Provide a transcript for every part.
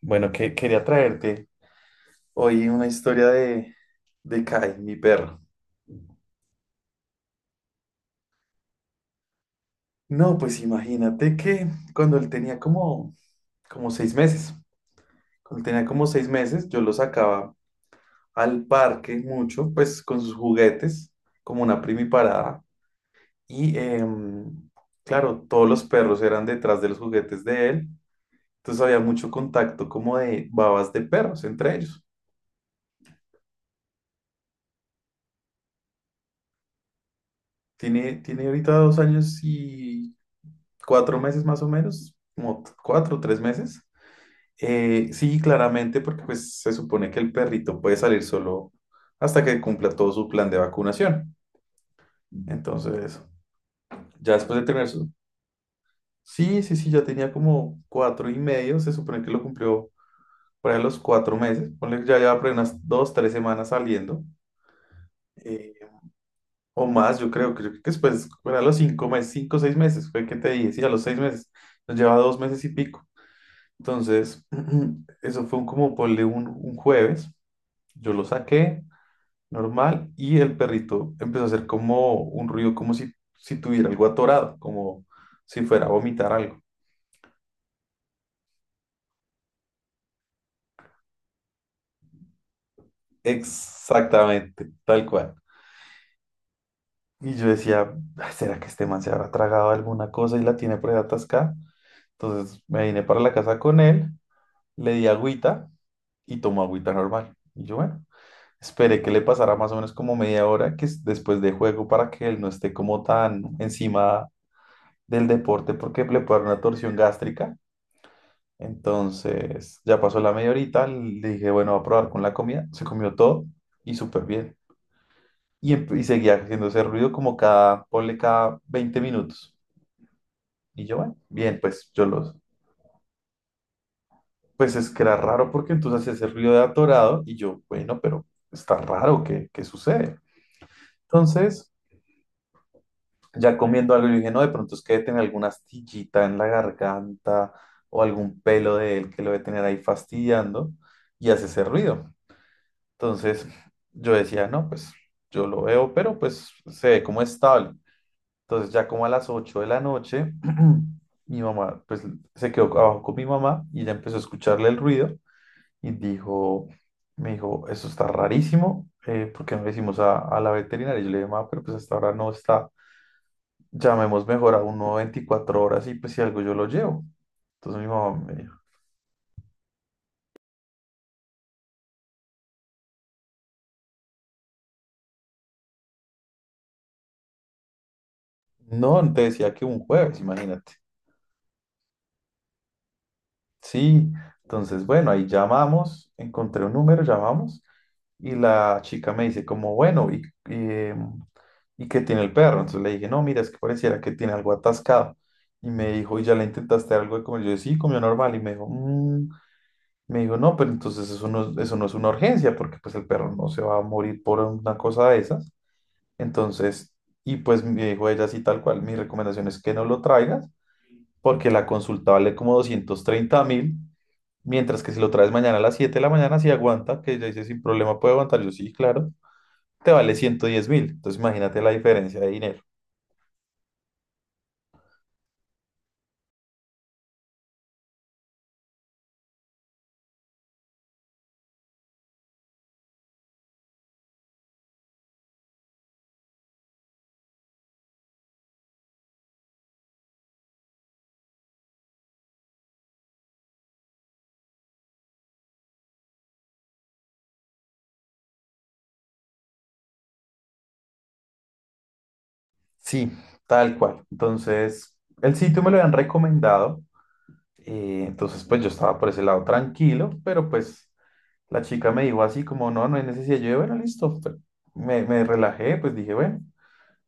Bueno, que, quería traerte hoy una historia de Kai, mi perro. No, pues imagínate que cuando él tenía como 6 meses, yo lo sacaba al parque mucho, pues con sus juguetes, como una primiparada. Y claro, todos los perros eran detrás de los juguetes de él, entonces había mucho contacto como de babas de perros entre ellos. Tiene ahorita 2 años y 4 meses más o menos, como 4 o 3 meses. Sí, claramente, porque pues se supone que el perrito puede salir solo hasta que cumpla todo su plan de vacunación. Entonces, ya después de tener su... Sí, sí, sí, ya tenía como 4 y medio. Se supone que lo cumplió por ahí a los 4 meses, ponle que ya lleva por ahí unas 2, 3 semanas saliendo, eh, o más, yo creo que después, por ahí a los 5 meses, 5, o 6 meses, fue que te dije, sí, a los 6 meses, nos lleva 2 meses y pico. Entonces, eso fue como ponle un jueves. Yo lo saqué normal y el perrito empezó a hacer como un ruido, como si tuviera algo atorado, como si fuera a vomitar algo. Exactamente, tal cual. Y yo decía: "Ay, ¿será que este man se habrá tragado alguna cosa y la tiene por ahí atascada?". Entonces me vine para la casa con él, le di agüita y tomó agüita normal. Y yo, bueno, esperé que le pasara más o menos como media hora, que es después de juego, para que él no esté como tan encima del deporte, porque le puede dar una torsión gástrica. Entonces ya pasó la media horita, le dije, bueno, va a probar con la comida. Se comió todo y súper bien. Y seguía haciendo ese ruido como cada, ponle, cada 20 minutos. Y yo, bueno, bien, pues yo los... Pues es que era raro, porque entonces hacía ese ruido de atorado y yo, bueno, pero está raro, ¿qué sucede? Entonces... ya comiendo algo, yo dije, no, de pronto es que debe tener alguna astillita en la garganta, o algún pelo de él que lo debe tener ahí fastidiando y hace ese ruido. Entonces yo decía, no, pues yo lo veo, pero pues se ve como estable. Entonces ya como a las 8 de la noche, mi mamá, pues se quedó abajo con mi mamá y ella empezó a escucharle el ruido y dijo, me dijo, eso está rarísimo, ¿por qué no le decimos a la veterinaria? Y yo le dije, mamá, pero pues hasta ahora no está, llamemos mejor a uno 24 horas y pues si algo yo lo llevo. Entonces mi mamá me dijo, no, te decía que un jueves, imagínate. Sí, entonces bueno, ahí llamamos, encontré un número, llamamos y la chica me dice como, bueno, y, em, ¿y qué tiene el perro? Entonces le dije, no, mira, es que pareciera que tiene algo atascado. Y me dijo, ¿y ya le intentaste dar algo de comer? Yo dije, sí, comió normal y me dijo: "Mm". Me dijo, no, pero entonces eso no es una urgencia, porque pues el perro no se va a morir por una cosa de esas. Entonces, y pues me dijo ella así tal cual, mi recomendación es que no lo traigas, porque la consulta vale como 230.000, mientras que si lo traes mañana a las 7 de la mañana, si aguanta, que ella dice sin problema puede aguantar, yo, sí, claro, te vale 110.000. Entonces, imagínate la diferencia de dinero. Sí, tal cual. Entonces, el sitio me lo habían recomendado, entonces pues yo estaba por ese lado tranquilo, pero pues la chica me dijo así como, no, no hay necesidad, yo, bueno, listo, me relajé, pues dije, bueno.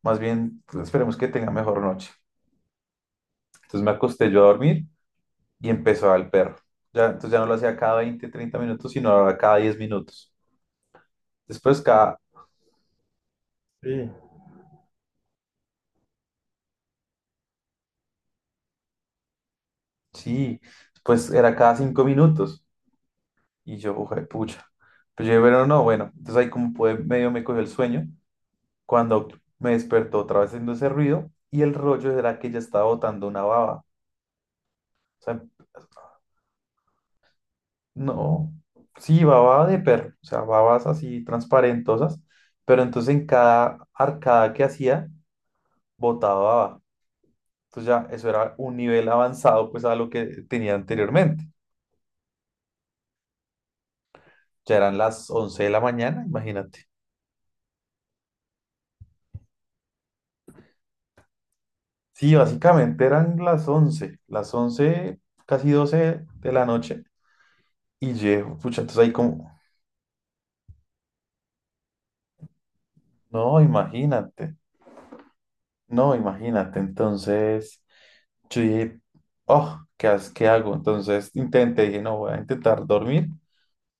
Más bien, pues, esperemos que tenga mejor noche. Entonces me acosté yo a dormir y empezó el perro. Ya, entonces ya no lo hacía cada 20 30 minutos, sino ahora cada 10 minutos. Después cada... Sí. Sí, después era cada 5 minutos. Y yo, ojo de pucha. Pero yo, bueno, no, bueno. Entonces ahí como pude, medio me cogió el sueño. Cuando me despertó otra vez haciendo ese ruido y el rollo era que ya estaba botando una baba. O sea, no, sí, baba de perro, o sea, babas así transparentosas, pero entonces en cada arcada que hacía, botaba baba. Entonces ya eso era un nivel avanzado pues a lo que tenía anteriormente. Ya eran las 11 de la mañana, imagínate. Sí, básicamente eran las once, casi 12 de la noche. Y yo pucha, entonces ahí como, no, imagínate, no, imagínate. Entonces... Yo dije, oh, ¿qué hago? Entonces intenté, dije, no, voy a intentar dormir,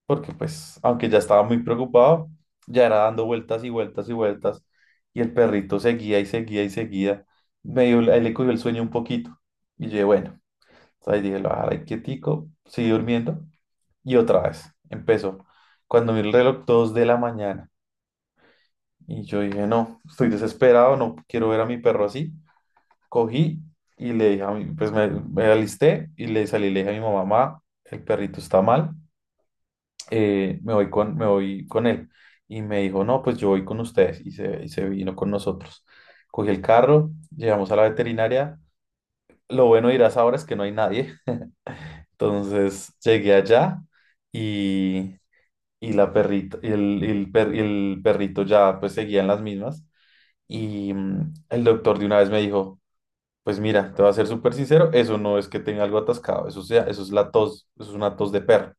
porque pues, aunque ya estaba muy preocupado, ya era dando vueltas y vueltas y vueltas, y el perrito seguía y seguía y seguía. Medio él le cogió el sueño un poquito, y yo dije, bueno, entonces dije, lo voy quietico, seguí durmiendo, y otra vez, empezó. Cuando vi el reloj, 2 de la mañana, y yo dije, no, estoy desesperado, no quiero ver a mi perro así. Cogí y le dije pues me alisté y le salí, le dije a mi mamá: "Ma, el perrito está mal, me voy con él". Y me dijo, no, pues yo voy con ustedes. Y se vino con nosotros. Cogí el carro, llegamos a la veterinaria. Lo bueno, dirás ahora, es que no hay nadie. Entonces llegué allá y, y la perrita, y el per- y el perrito ya pues seguía en las mismas. Y mm, el doctor de una vez me dijo, pues mira, te voy a ser súper sincero, eso no es que tenga algo atascado, eso es la tos, eso es una tos de perro.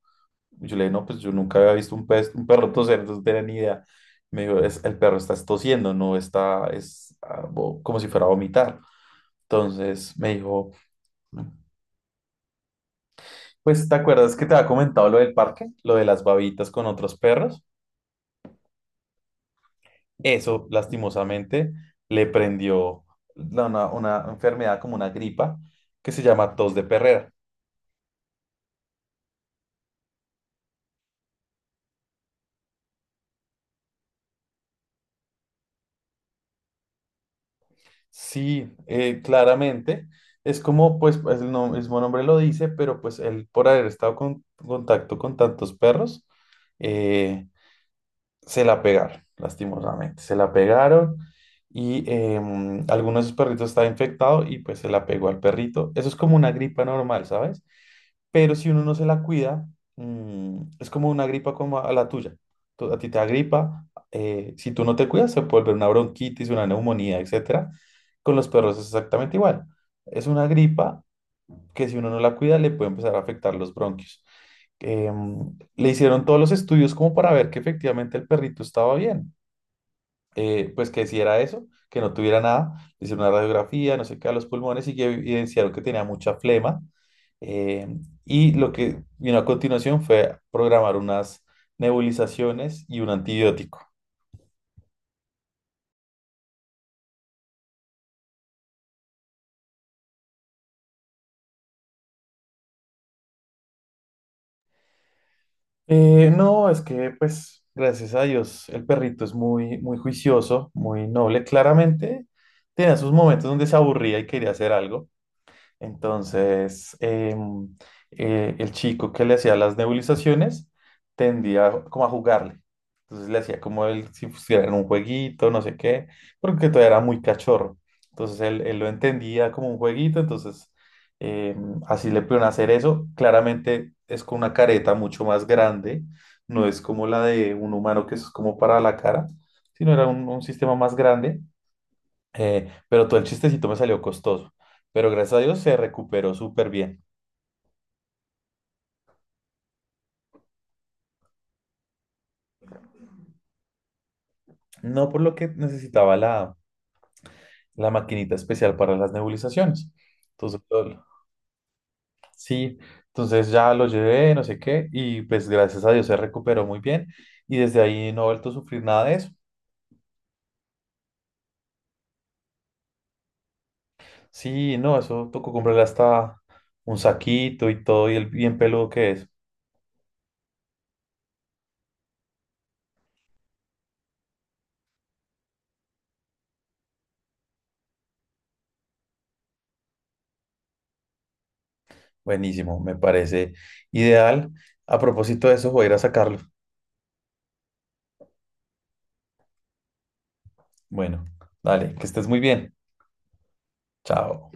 Y yo le dije, no, pues yo nunca había visto un perro toser, entonces no tenía ni idea. Me dijo: "Es- el perro está tosiendo, no está, como si fuera a vomitar". Entonces me dijo, pues ¿te acuerdas que te había comentado lo del parque? Lo de las babitas con otros perros. Eso, lastimosamente, le prendió una enfermedad, como una gripa que se llama tos de perrera. Sí, claramente. Es como, pues, el mismo nombre lo dice, pero pues él, por haber estado en contacto con tantos perros, eh, se la pegaron, lastimosamente. Se la pegaron y alguno de sus perritos estaba infectado y pues se la pegó al perrito. Eso es como una gripa normal, ¿sabes? Pero si uno no se la cuida, es como una gripa como a la tuya. A ti te da gripa, si tú no te cuidas, se puede volver una bronquitis, una neumonía, etcétera. Con los perros es exactamente igual. Es una gripa que, si uno no la cuida, le puede empezar a afectar los bronquios. Le hicieron todos los estudios como para ver que efectivamente el perrito estaba bien, pues que hiciera eso, que no tuviera nada; le hicieron una radiografía, no sé qué, a los pulmones y que evidenciaron que tenía mucha flema. eh, y lo que vino a continuación fue programar unas nebulizaciones y un antibiótico. No, es que pues gracias a Dios el perrito es muy, muy juicioso, muy noble. Claramente tenía sus momentos donde se aburría y quería hacer algo. Entonces, el chico que le hacía las nebulizaciones tendía como a jugarle. Entonces le hacía como él si pusiera en un jueguito, no sé qué, porque todavía era muy cachorro. Entonces él lo entendía como un jueguito, entonces así le pudieron hacer eso. Claramente es con una careta mucho más grande, no es como la de un humano que es como para la cara, sino era un sistema más grande, pero todo el chistecito me salió costoso. Pero gracias a Dios se recuperó súper bien. No, por lo que necesitaba la maquinita especial para las nebulizaciones. Entonces, sí, entonces ya lo llevé, no sé qué, y pues gracias a Dios se recuperó muy bien. Y desde ahí no he vuelto a sufrir nada de eso. Sí, no, eso tocó comprarle hasta un saquito y todo, y el bien peludo que es. Buenísimo, me parece ideal. A propósito de eso, voy a ir a sacarlo. Bueno, dale, que estés muy bien. Chao.